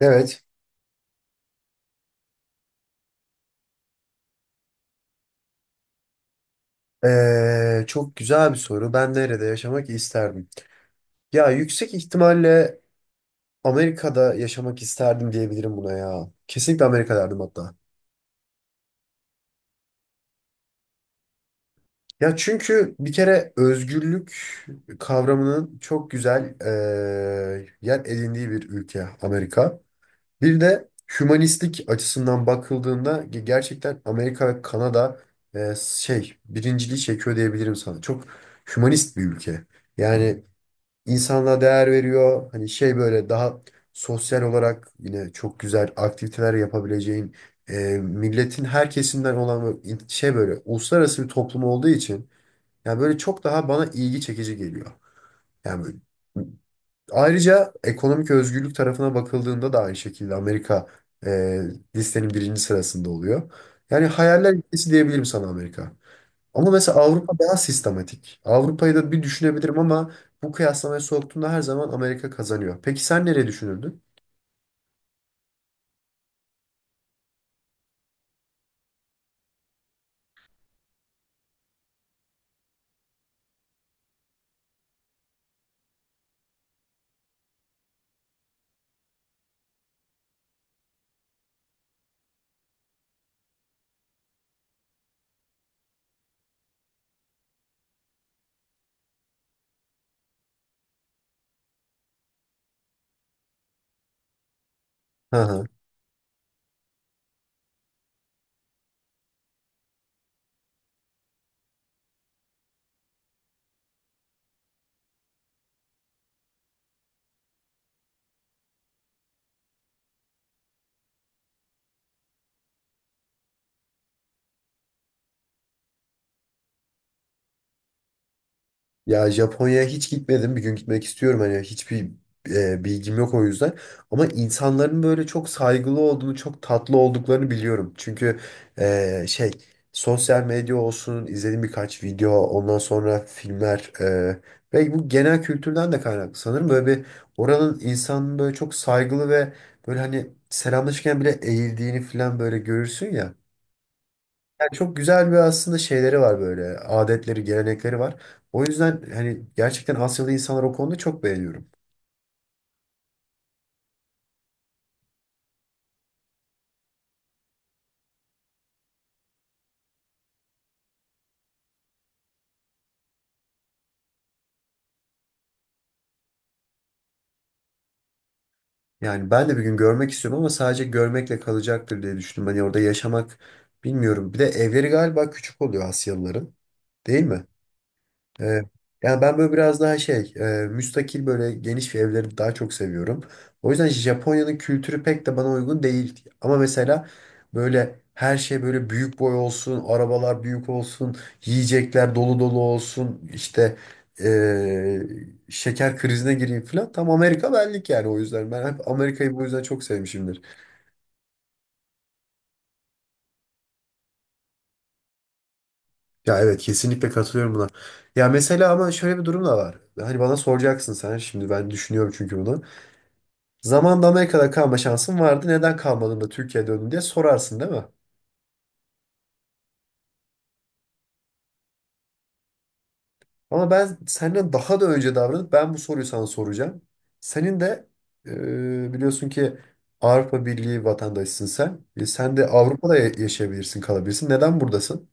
Evet. Çok güzel bir soru. Ben nerede yaşamak isterdim? Ya yüksek ihtimalle Amerika'da yaşamak isterdim diyebilirim buna ya. Kesinlikle Amerika derdim hatta. Ya çünkü bir kere özgürlük kavramının çok güzel yer edindiği bir ülke Amerika. Bir de hümanistlik açısından bakıldığında gerçekten Amerika ve Kanada birinciliği çekiyor diyebilirim sana. Çok hümanist bir ülke. Yani insanlığa değer veriyor. Hani şey böyle daha sosyal olarak yine çok güzel aktiviteler yapabileceğin milletin her kesimden olan böyle böyle uluslararası bir toplum olduğu için yani böyle çok daha bana ilgi çekici geliyor. Yani böyle- Ayrıca ekonomik özgürlük tarafına bakıldığında da aynı şekilde Amerika e, listenin birinci sırasında oluyor. Yani hayaller ülkesi diyebilirim sana Amerika. Ama mesela Avrupa daha sistematik. Avrupa'yı da bir düşünebilirim ama bu kıyaslamaya soktuğumda her zaman Amerika kazanıyor. Peki sen nereye düşünürdün? Hı hı. Ya Japonya'ya hiç gitmedim. Bir gün gitmek istiyorum. Hani hiçbir bilgim yok o yüzden. Ama insanların böyle çok saygılı olduğunu, çok tatlı olduklarını biliyorum. Çünkü e, şey sosyal medya olsun, izlediğim birkaç video, ondan sonra filmler ve bu genel kültürden de kaynaklı sanırım. Böyle bir oranın insanın böyle çok saygılı ve böyle hani selamlaşırken bile eğildiğini falan böyle görürsün ya. Çok güzel bir aslında şeyleri var böyle. Adetleri, gelenekleri var. O yüzden hani gerçekten Asyalı insanlar o konuda çok beğeniyorum. Yani ben de bir gün görmek istiyorum ama sadece görmekle kalacaktır diye düşündüm. Hani orada yaşamak bilmiyorum. Bir de evleri galiba küçük oluyor Asyalıların. Değil mi? Ee, Yani ben böyle biraz daha müstakil böyle geniş bir evleri daha çok seviyorum. O yüzden Japonya'nın kültürü pek de bana uygun değil. Ama mesela böyle her şey böyle büyük boy olsun, arabalar büyük olsun, yiyecekler dolu dolu olsun, işte e, şeker krizine gireyim falan. Tam Amerika benlik yani o yüzden. Ben hep Amerika'yı bu yüzden çok sevmişimdir. Ya evet kesinlikle katılıyorum buna. Ya mesela ama şöyle bir durum da var. Hani bana soracaksın sen şimdi ben düşünüyorum çünkü bunu. Zamanında Amerika'da kalma şansın vardı. Neden kalmadın da Türkiye'ye döndün diye sorarsın değil mi? Ama ben senden daha da önce davranıp ben bu soruyu sana soracağım. Senin de biliyorsun ki Avrupa Birliği vatandaşısın sen. E, sen de Avrupa'da yaşayabilirsin, kalabilirsin. Neden buradasın?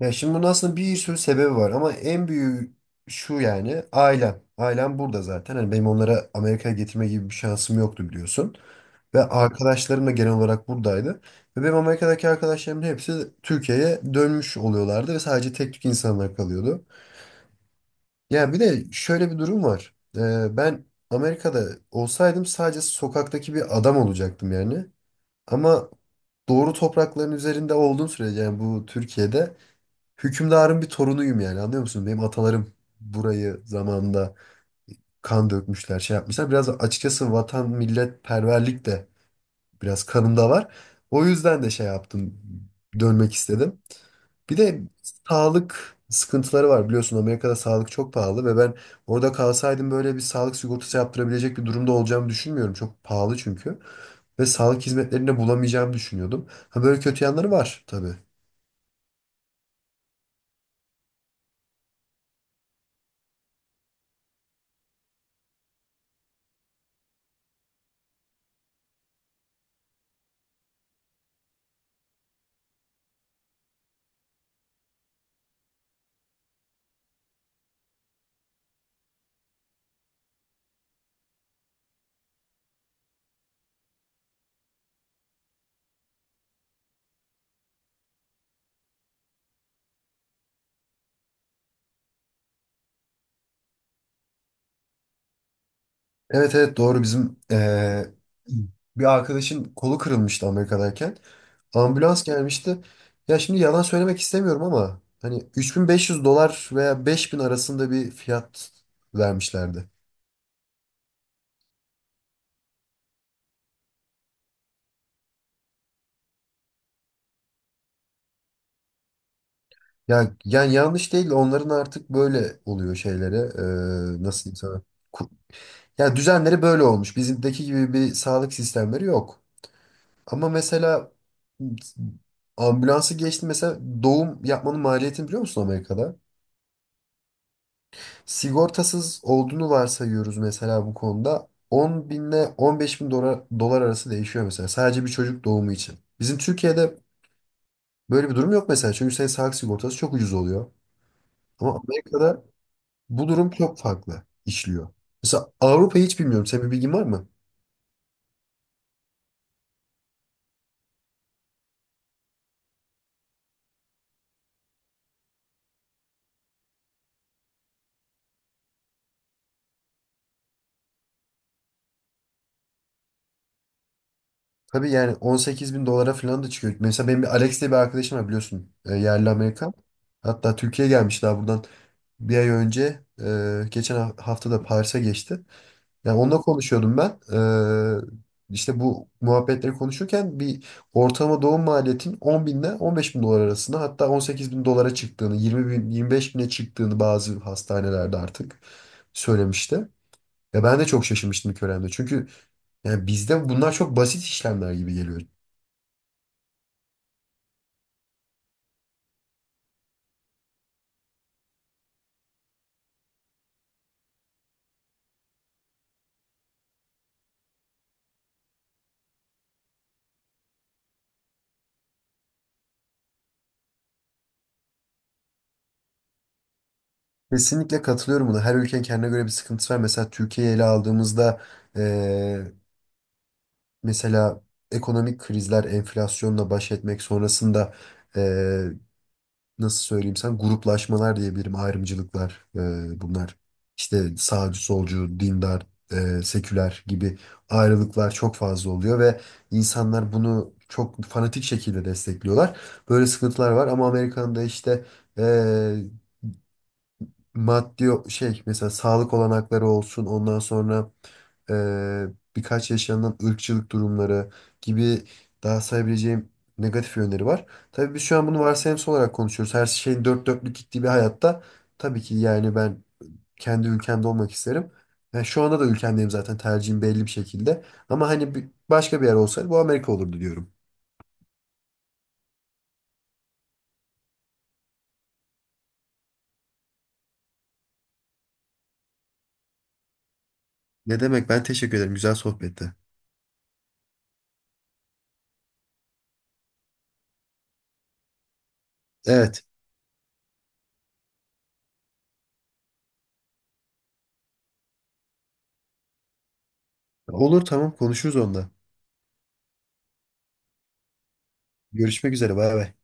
Ya şimdi bunun aslında bir sürü sebebi var ama en büyüğü şu yani ailem. Ailem burada zaten. Hani benim onlara Amerika'ya getirme gibi bir şansım yoktu biliyorsun. Ve arkadaşlarım da genel olarak buradaydı. Ve benim Amerika'daki arkadaşlarımın hepsi Türkiye'ye dönmüş oluyorlardı ve sadece tek tük insanlar kalıyordu. Ya bir de şöyle bir durum var. Ben Amerika'da olsaydım sadece sokaktaki bir adam olacaktım yani. Ama doğru toprakların üzerinde olduğum sürece yani bu Türkiye'de hükümdarın bir torunuyum yani anlıyor musun? Benim atalarım burayı zamanında kan dökmüşler, şey yapmışlar. Biraz açıkçası vatan millet perverlik de biraz kanımda var. O yüzden de şey yaptım, dönmek istedim. Bir de sağlık sıkıntıları var biliyorsun Amerika'da sağlık çok pahalı ve ben orada kalsaydım böyle bir sağlık sigortası yaptırabilecek bir durumda olacağımı düşünmüyorum. Çok pahalı çünkü. Ve sağlık hizmetlerini de bulamayacağımı düşünüyordum. Ha böyle kötü yanları var tabii. Evet, evet, doğru bizim bir arkadaşın kolu kırılmıştı Amerika'dayken. Ambulans gelmişti. Ya şimdi yalan söylemek istemiyorum ama hani 3500 dolar veya 5000 arasında bir fiyat vermişlerdi. Yani, yanlış değil de onların artık böyle oluyor şeylere nasıl diyeyim sana? Ku- Yani düzenleri böyle olmuş. Bizimdeki gibi bir sağlık sistemleri yok. Ama mesela ambulansı geçti mesela doğum yapmanın maliyetini biliyor musun Amerika'da? Sigortasız olduğunu varsayıyoruz mesela bu konuda. 10 binle 15 bin dolar, dolar arası değişiyor mesela. Sadece bir çocuk doğumu için. Bizim Türkiye'de böyle bir durum yok mesela. Çünkü senin sağlık sigortası çok ucuz oluyor. Ama Amerika'da bu durum çok farklı işliyor. Mesela Avrupa'yı hiç bilmiyorum. Senin bir bilgin var mı? Tabii yani 18 bin dolara falan da çıkıyor. Mesela benim bir Alex diye bir arkadaşım var biliyorsun. E, Yerli Amerikan. Hatta Türkiye'ye gelmiş daha buradan bir ay önce. E, geçen hafta da Paris'e geçti. Yani onunla konuşuyordum ben. İşte bu muhabbetleri konuşurken bir ortalama doğum maliyetin 10 binle 15 bin dolar arasında hatta 18 bin dolara çıktığını, 20 bin, 25 bine çıktığını bazı hastanelerde artık söylemişti. Ya ben de çok şaşırmıştım ilk öğrendiğimde. Çünkü yani bizde bunlar çok basit işlemler gibi geliyor. Kesinlikle katılıyorum buna. Her ülkenin kendine göre bir sıkıntısı var. Mesela Türkiye'yi ele aldığımızda ee, mesela ekonomik krizler, enflasyonla baş etmek sonrasında nasıl söyleyeyim sen gruplaşmalar diyebilirim ayrımcılıklar bunlar işte sağcı solcu dindar seküler gibi ayrılıklar çok fazla oluyor ve insanlar bunu çok fanatik şekilde destekliyorlar böyle sıkıntılar var ama Amerika'nın da işte e, maddi o- şey mesela sağlık olanakları olsun ondan sonra eee, birkaç yaşanan ırkçılık durumları gibi daha sayabileceğim negatif yönleri var. Tabii biz şu an bunu varsayımsal olarak konuşuyoruz. Her şeyin dört dörtlük gittiği bir hayatta tabii ki yani ben kendi ülkemde olmak isterim. Yani şu anda da ülkemdeyim zaten tercihim belli bir şekilde. Ama hani başka bir yer olsaydı bu Amerika olurdu diyorum. Ne demek, ben teşekkür ederim, güzel sohbetti. Evet, olur, tamam, konuşuruz onda. Görüşmek üzere, bay bay.